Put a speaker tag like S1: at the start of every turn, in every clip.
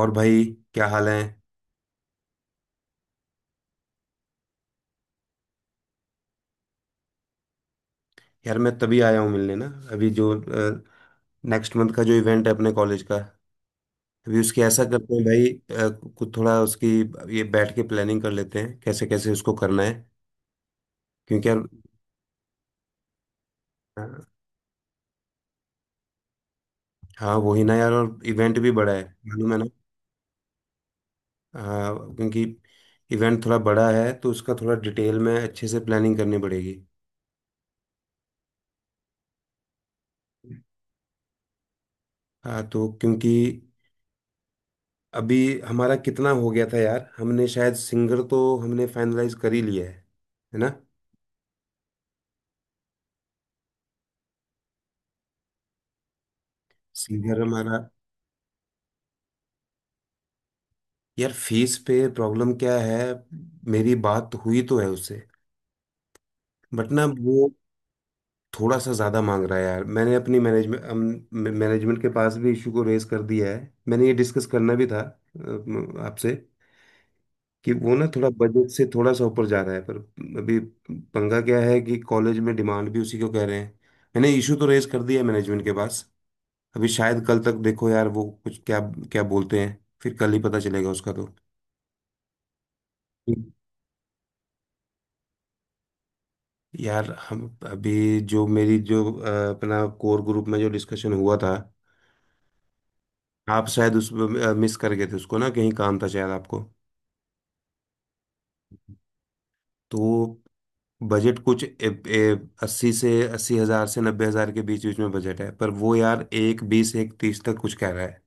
S1: और भाई क्या हाल है। यार मैं तभी आया हूँ मिलने ना। अभी जो नेक्स्ट मंथ का जो इवेंट है अपने कॉलेज का अभी उसकी ऐसा करते हैं भाई। अ, कुछ थोड़ा उसकी ये बैठ के प्लानिंग कर लेते हैं कैसे कैसे उसको करना है क्योंकि यार। अ, हाँ वही ना यार और इवेंट भी बड़ा है मालूम है ना। क्योंकि इवेंट थोड़ा बड़ा है तो उसका थोड़ा डिटेल में अच्छे से प्लानिंग करनी पड़ेगी। हाँ तो क्योंकि अभी हमारा कितना हो गया था यार हमने शायद सिंगर तो हमने फाइनलाइज कर ही लिया है। है ना। सीनियर हमारा। यार फीस पे प्रॉब्लम क्या है। मेरी बात हुई तो है उससे बट ना वो थोड़ा सा ज़्यादा मांग रहा है यार। मैंने अपनी मैनेजमेंट मैनेजमेंट के पास भी इशू को रेज कर दिया है। मैंने ये डिस्कस करना भी था आपसे कि वो ना थोड़ा बजट से थोड़ा सा ऊपर जा रहा है पर। अभी पंगा क्या है कि कॉलेज में डिमांड भी उसी को कह रहे हैं। मैंने इशू तो रेज कर दिया है मैनेजमेंट के पास। अभी शायद कल तक देखो यार वो कुछ क्या क्या बोलते हैं फिर कल ही पता चलेगा उसका। तो यार हम अभी जो मेरी जो अपना कोर ग्रुप में जो डिस्कशन हुआ था। आप शायद उस मिस कर गए थे उसको ना कहीं काम था शायद आपको। तो बजट कुछ ए, ए, अस्सी से 80,000 से 90,000 के बीच बीच में बजट है पर वो यार एक बीस एक तीस तक कुछ कह रहा है।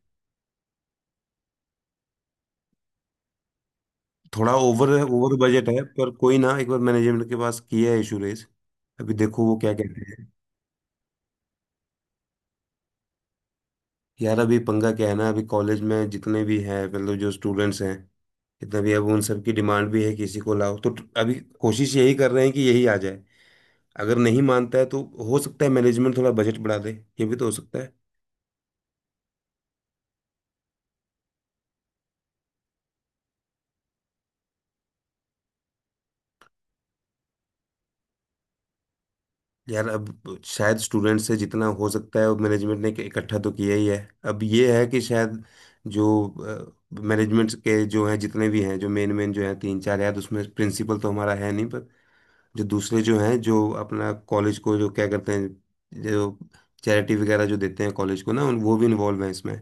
S1: थोड़ा ओवर ओवर बजट है पर कोई ना एक बार मैनेजमेंट के पास किया है इशू रेज। अभी देखो वो क्या कहते हैं। यार अभी पंगा क्या है ना अभी कॉलेज में जितने भी हैं मतलब जो स्टूडेंट्स हैं कि तभी अब उन सब की डिमांड भी है कि इसी को लाओ तो अभी कोशिश यही कर रहे हैं कि यही आ जाए। अगर नहीं मानता है तो हो सकता है मैनेजमेंट थोड़ा बजट बढ़ा दे ये भी तो हो सकता है। यार अब शायद स्टूडेंट से जितना हो सकता है मैनेजमेंट ने इकट्ठा तो किया ही है। अब ये है कि शायद जो मैनेजमेंट के जो हैं जितने भी हैं जो मेन मेन जो हैं तीन चार यार उसमें प्रिंसिपल तो हमारा है नहीं पर जो दूसरे जो हैं जो अपना कॉलेज को जो क्या करते हैं जो चैरिटी वगैरह जो देते हैं कॉलेज को ना उन वो भी इन्वॉल्व हैं इसमें।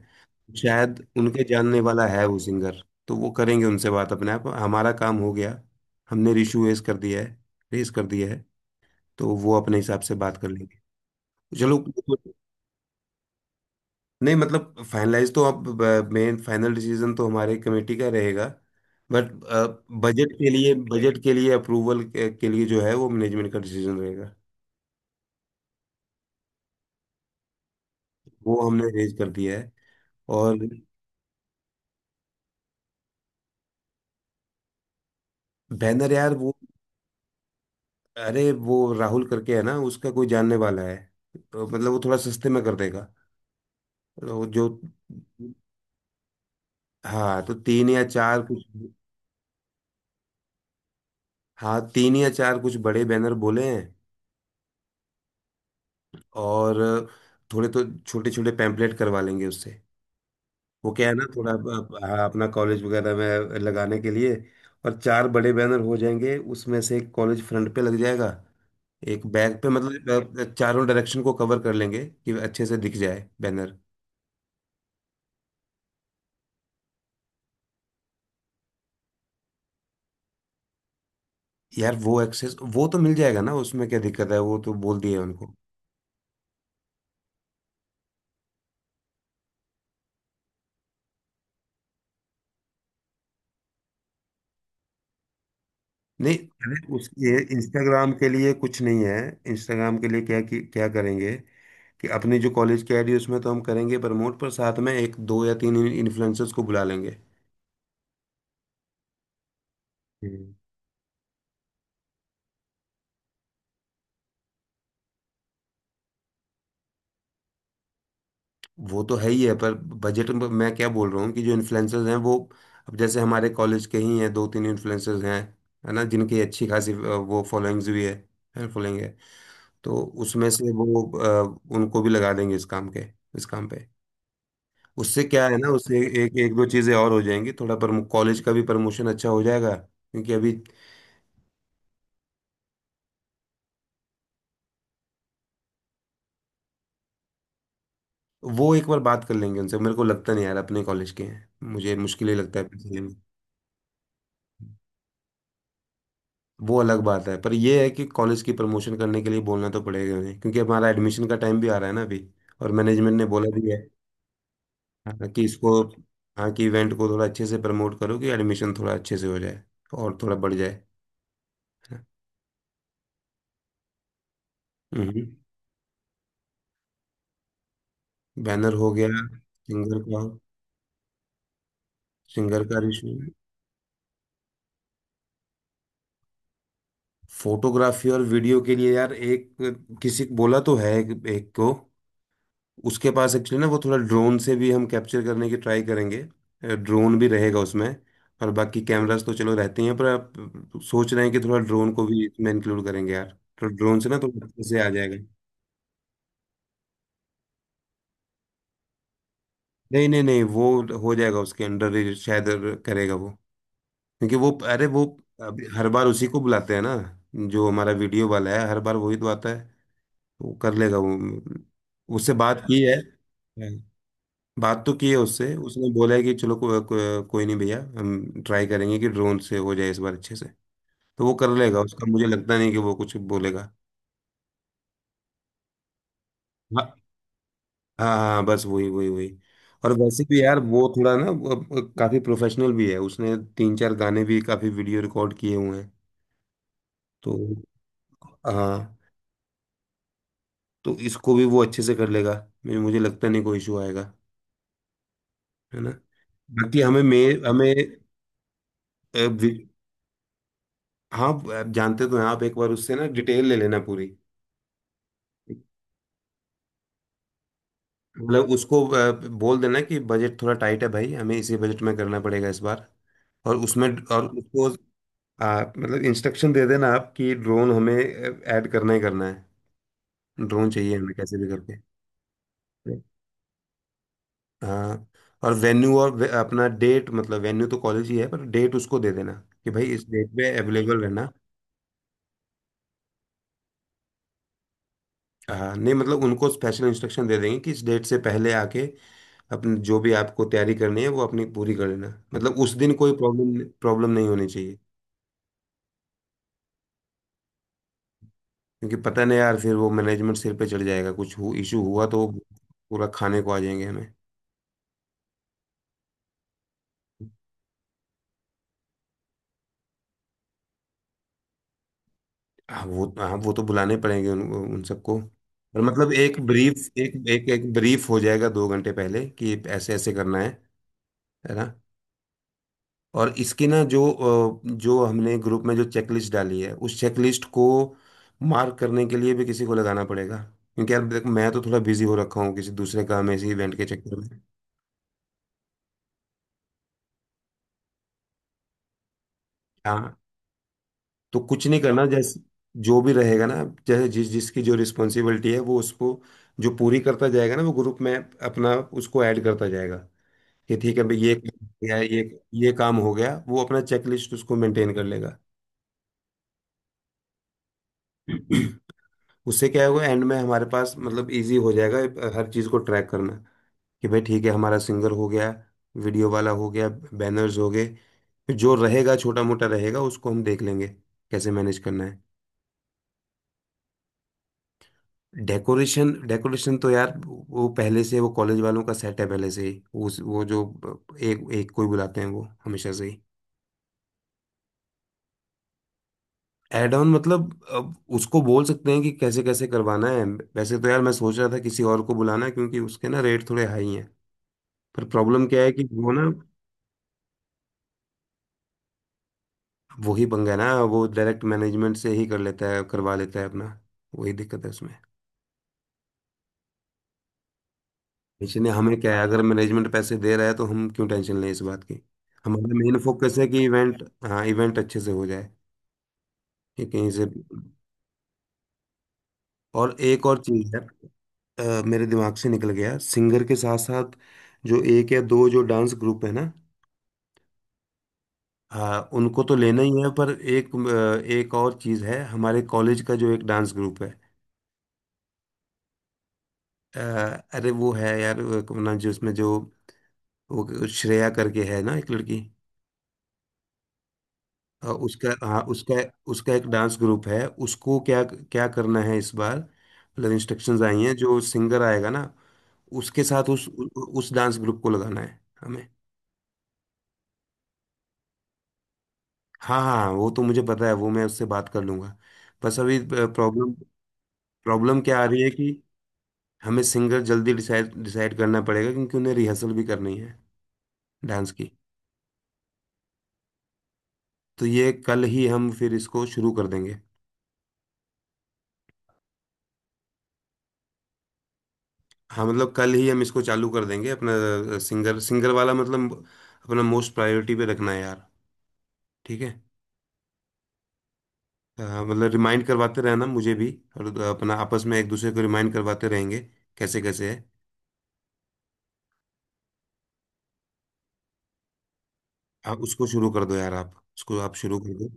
S1: शायद उनके जानने वाला है वो सिंगर तो वो करेंगे उनसे बात अपने आप हमारा काम हो गया। हमने इशू रेस कर दिया है। रेस कर दिया है। तो वो अपने हिसाब से बात कर लेंगे। चलो। नहीं मतलब फाइनलाइज तो अब मेन फाइनल डिसीजन तो हमारे कमेटी का रहेगा बट बजट के लिए अप्रूवल के लिए जो है वो मैनेजमेंट का डिसीजन रहेगा। वो हमने अरेंज कर दिया है और। बैनर यार वो। अरे वो राहुल करके है ना उसका कोई जानने वाला है तो मतलब वो थोड़ा सस्ते में कर देगा तो जो। हाँ तो तीन या चार कुछ। हाँ तीन या चार कुछ बड़े बैनर बोले हैं और थोड़े तो छोटे छोटे पैम्पलेट करवा लेंगे उससे। वो क्या है ना थोड़ा हाँ, अपना कॉलेज वगैरह में लगाने के लिए। और चार बड़े बैनर हो जाएंगे उसमें से एक कॉलेज फ्रंट पे लग जाएगा एक बैक पे मतलब चारों डायरेक्शन को कवर कर लेंगे कि अच्छे से दिख जाए बैनर। यार वो एक्सेस वो तो मिल जाएगा ना उसमें क्या दिक्कत है वो तो बोल दिए उनको। नहीं। अरे उस ये इंस्टाग्राम के लिए कुछ नहीं है। इंस्टाग्राम के लिए क्या क्या करेंगे कि अपने जो कॉलेज की आईडी उसमें तो हम करेंगे प्रमोट पर साथ में एक दो या तीन इन्फ्लुएंसर्स को बुला लेंगे। वो तो है ही है पर बजट में मैं क्या बोल रहा हूँ कि जो इन्फ्लुएंसर्स हैं वो अब जैसे हमारे कॉलेज के ही हैं दो तीन इन्फ्लुएंसर्स हैं है ना जिनकी अच्छी खासी वो फॉलोइंग्स भी है फॉलोइंग है। तो उसमें से वो उनको भी लगा देंगे इस काम के इस काम पे। उससे क्या है ना उससे एक एक दो चीज़ें और हो जाएंगी थोड़ा पर कॉलेज का भी प्रमोशन अच्छा हो जाएगा क्योंकि अभी। वो एक बार बात कर लेंगे उनसे मेरे को लगता नहीं यार अपने कॉलेज के हैं मुझे मुश्किल ही लगता है पैसे लेना। वो अलग बात है पर ये है कि कॉलेज की प्रमोशन करने के लिए बोलना तो पड़ेगा उन्हें क्योंकि हमारा एडमिशन का टाइम भी आ रहा है ना अभी। और मैनेजमेंट ने बोला भी है। हाँ। हाँ, कि इसको हाँ कि इवेंट को थोड़ा अच्छे से प्रमोट करो कि एडमिशन थोड़ा अच्छे से हो जाए और थोड़ा बढ़ जाए। हम्म। बैनर हो गया। सिंगर का सिंगर का रिश्यू। फोटोग्राफी और वीडियो के लिए यार एक किसी को बोला तो है एक को। उसके पास एक्चुअली ना वो थोड़ा ड्रोन से भी हम कैप्चर करने की ट्राई करेंगे ड्रोन भी रहेगा उसमें। और बाकी कैमरास तो चलो रहते ही हैं पर आप सोच रहे हैं कि थोड़ा ड्रोन को भी इसमें इंक्लूड करेंगे यार। तो ड्रोन से ना थोड़ा अच्छे से आ जाएगा। नहीं नहीं नहीं, वो हो जाएगा उसके अंडर ही शायद करेगा वो। क्योंकि वो अरे वो अभी हर बार उसी को बुलाते हैं ना जो हमारा वीडियो वाला है हर बार वही तो आता है वो कर लेगा वो उससे बात की है। बात तो की है उससे उसने बोला है कि चलो कोई नहीं भैया हम ट्राई करेंगे कि ड्रोन से हो जाए इस बार अच्छे से। तो वो कर लेगा उसका मुझे लगता नहीं कि वो कुछ बोलेगा। हाँ हाँ हाँ बस वही वही वही। और वैसे भी यार वो थोड़ा ना वो काफी प्रोफेशनल भी है उसने तीन चार गाने भी काफी वीडियो रिकॉर्ड किए हुए हैं तो। हाँ। तो इसको भी वो अच्छे से कर लेगा मुझे मुझे लगता नहीं कोई इशू आएगा है ना। बाकी हमें मे हमें अ, वि- हाँ आप जानते तो हैं आप एक बार उससे ना डिटेल ले लेना पूरी। मतलब उसको बोल देना कि बजट थोड़ा टाइट है भाई हमें इसी बजट में करना पड़ेगा इस बार और उसमें और उसको मतलब इंस्ट्रक्शन दे देना आप कि ड्रोन हमें ऐड करना ही करना है ड्रोन चाहिए हमें कैसे भी करके। हाँ। और वेन्यू और अपना डेट मतलब वेन्यू तो कॉलेज ही है पर डेट उसको दे देना कि भाई इस डेट पे अवेलेबल रहना। हाँ नहीं मतलब उनको स्पेशल इंस्ट्रक्शन दे देंगे कि इस डेट से पहले आके अपने जो भी आपको तैयारी करनी है वो अपनी पूरी कर लेना मतलब उस दिन कोई प्रॉब्लम प्रॉब्लम नहीं होनी चाहिए। क्योंकि पता नहीं यार फिर वो मैनेजमेंट सिर पे चढ़ जाएगा कुछ इशू हुआ तो वो पूरा खाने को आ जाएंगे हमें। हाँ वो तो बुलाने पड़ेंगे उन सबको। पर मतलब एक ब्रीफ एक एक एक ब्रीफ हो जाएगा 2 घंटे पहले कि ऐसे ऐसे करना है ना। और इसकी ना जो जो हमने ग्रुप में जो चेकलिस्ट डाली है उस चेकलिस्ट को मार्क करने के लिए भी किसी को लगाना पड़ेगा क्योंकि यार देख मैं तो थोड़ा बिजी हो रखा हूँ किसी दूसरे काम में इसी इवेंट के चक्कर में। हाँ तो कुछ नहीं करना जैसे जो भी रहेगा ना जैसे जिसकी जो रिस्पॉन्सिबिलिटी है वो उसको जो पूरी करता जाएगा ना वो ग्रुप में अपना उसको ऐड करता जाएगा कि ठीक है भाई ये काम हो गया ये काम हो गया वो अपना चेक लिस्ट उसको मेंटेन कर लेगा। उससे क्या होगा एंड में हमारे पास मतलब इजी हो जाएगा हर चीज़ को ट्रैक करना कि भाई ठीक है हमारा सिंगर हो गया वीडियो वाला हो गया बैनर्स हो गए जो रहेगा छोटा मोटा रहेगा उसको हम देख लेंगे कैसे मैनेज करना है। डेकोरेशन डेकोरेशन तो यार वो पहले से वो कॉलेज वालों का सेट है पहले से ही उस वो जो एक एक कोई बुलाते हैं वो हमेशा से ही। एड ऑन मतलब अब उसको बोल सकते हैं कि कैसे कैसे करवाना है वैसे तो यार मैं सोच रहा था किसी और को बुलाना है क्योंकि उसके ना रेट थोड़े हाई हैं पर प्रॉब्लम क्या है कि वो ना वही पंगा है ना वो डायरेक्ट मैनेजमेंट से ही कर लेता है करवा लेता है अपना वही दिक्कत है उसमें। इसलिए हमें क्या है अगर मैनेजमेंट पैसे दे रहा है तो हम क्यों टेंशन लें इस बात की। हमारा मेन फोकस है कि इवेंट हाँ इवेंट अच्छे से हो जाए ठीक है यहीं से। और एक और चीज है मेरे दिमाग से निकल गया सिंगर के साथ साथ जो एक या दो जो डांस ग्रुप है ना। हाँ उनको तो लेना ही है पर एक एक और चीज है हमारे कॉलेज का जो एक डांस ग्रुप है। अ, अरे वो है यार वो अपना जो उसमें जो वो श्रेया करके है ना एक लड़की उसका हाँ उसका उसका एक डांस ग्रुप है उसको क्या क्या करना है इस बार मतलब इंस्ट्रक्शंस आई हैं जो सिंगर आएगा ना उसके साथ उस डांस ग्रुप को लगाना है हमें। हाँ हाँ हाँ, वो तो मुझे पता है वो मैं उससे बात कर लूंगा। बस अभी प्रॉब्लम प्रॉब्लम क्या आ रही है कि हमें सिंगर जल्दी डिसाइड डिसाइड करना पड़ेगा क्योंकि उन्हें रिहर्सल भी करनी है डांस की। तो ये कल ही हम फिर इसको शुरू कर देंगे। हाँ मतलब कल ही हम इसको चालू कर देंगे अपना सिंगर सिंगर वाला मतलब अपना मोस्ट प्रायोरिटी पे रखना है यार ठीक है। हाँ, मतलब रिमाइंड करवाते रहना मुझे भी। और अपना आपस में एक दूसरे को रिमाइंड करवाते रहेंगे कैसे कैसे है। आप उसको शुरू कर दो यार आप उसको आप शुरू कर दो।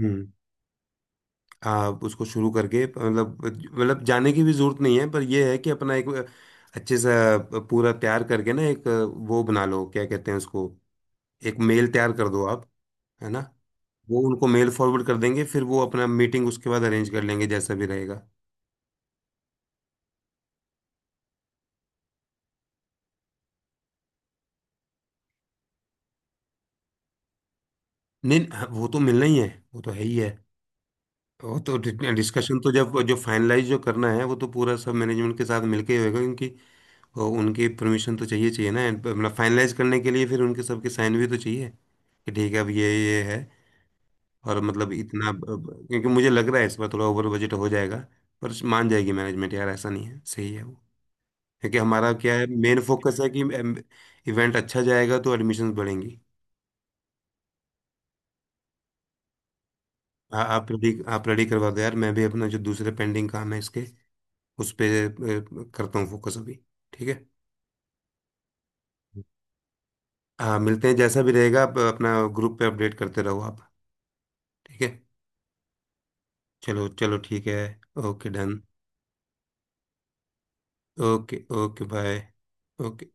S1: हम्म। आप उसको शुरू करके मतलब जाने की भी जरूरत नहीं है पर यह है कि अपना एक अच्छे सा पूरा तैयार करके ना एक वो बना लो क्या कहते हैं उसको एक मेल तैयार कर दो आप है ना वो उनको मेल फॉरवर्ड कर देंगे फिर वो अपना मीटिंग उसके बाद अरेंज कर लेंगे जैसा भी रहेगा। नहीं हाँ, वो तो मिलना ही है वो तो है ही है वो तो डिस्कशन तो जब जो फाइनलाइज जो करना है वो तो पूरा सब मैनेजमेंट के साथ मिलके ही होगा क्योंकि उनकी परमिशन तो चाहिए चाहिए ना। And, मतलब फाइनलाइज करने के लिए फिर उनके सबके साइन भी तो चाहिए कि ठीक है अब ये है और मतलब इतना क्योंकि मुझे लग रहा है इस बार थोड़ा ओवर बजट हो जाएगा। पर मान जाएगी मैनेजमेंट यार ऐसा नहीं है सही है वो क्योंकि हमारा क्या है मेन फोकस है कि इवेंट अच्छा जाएगा तो एडमिशन्स बढ़ेंगी। आप रेडी करवा दो यार मैं भी अपना जो दूसरे पेंडिंग काम है इसके उस पे करता हूँ फोकस अभी ठीक है। हाँ मिलते हैं जैसा भी रहेगा आप अपना ग्रुप पे अपडेट करते रहो आप ठीक है। चलो चलो ठीक है okay done okay okay bye okay.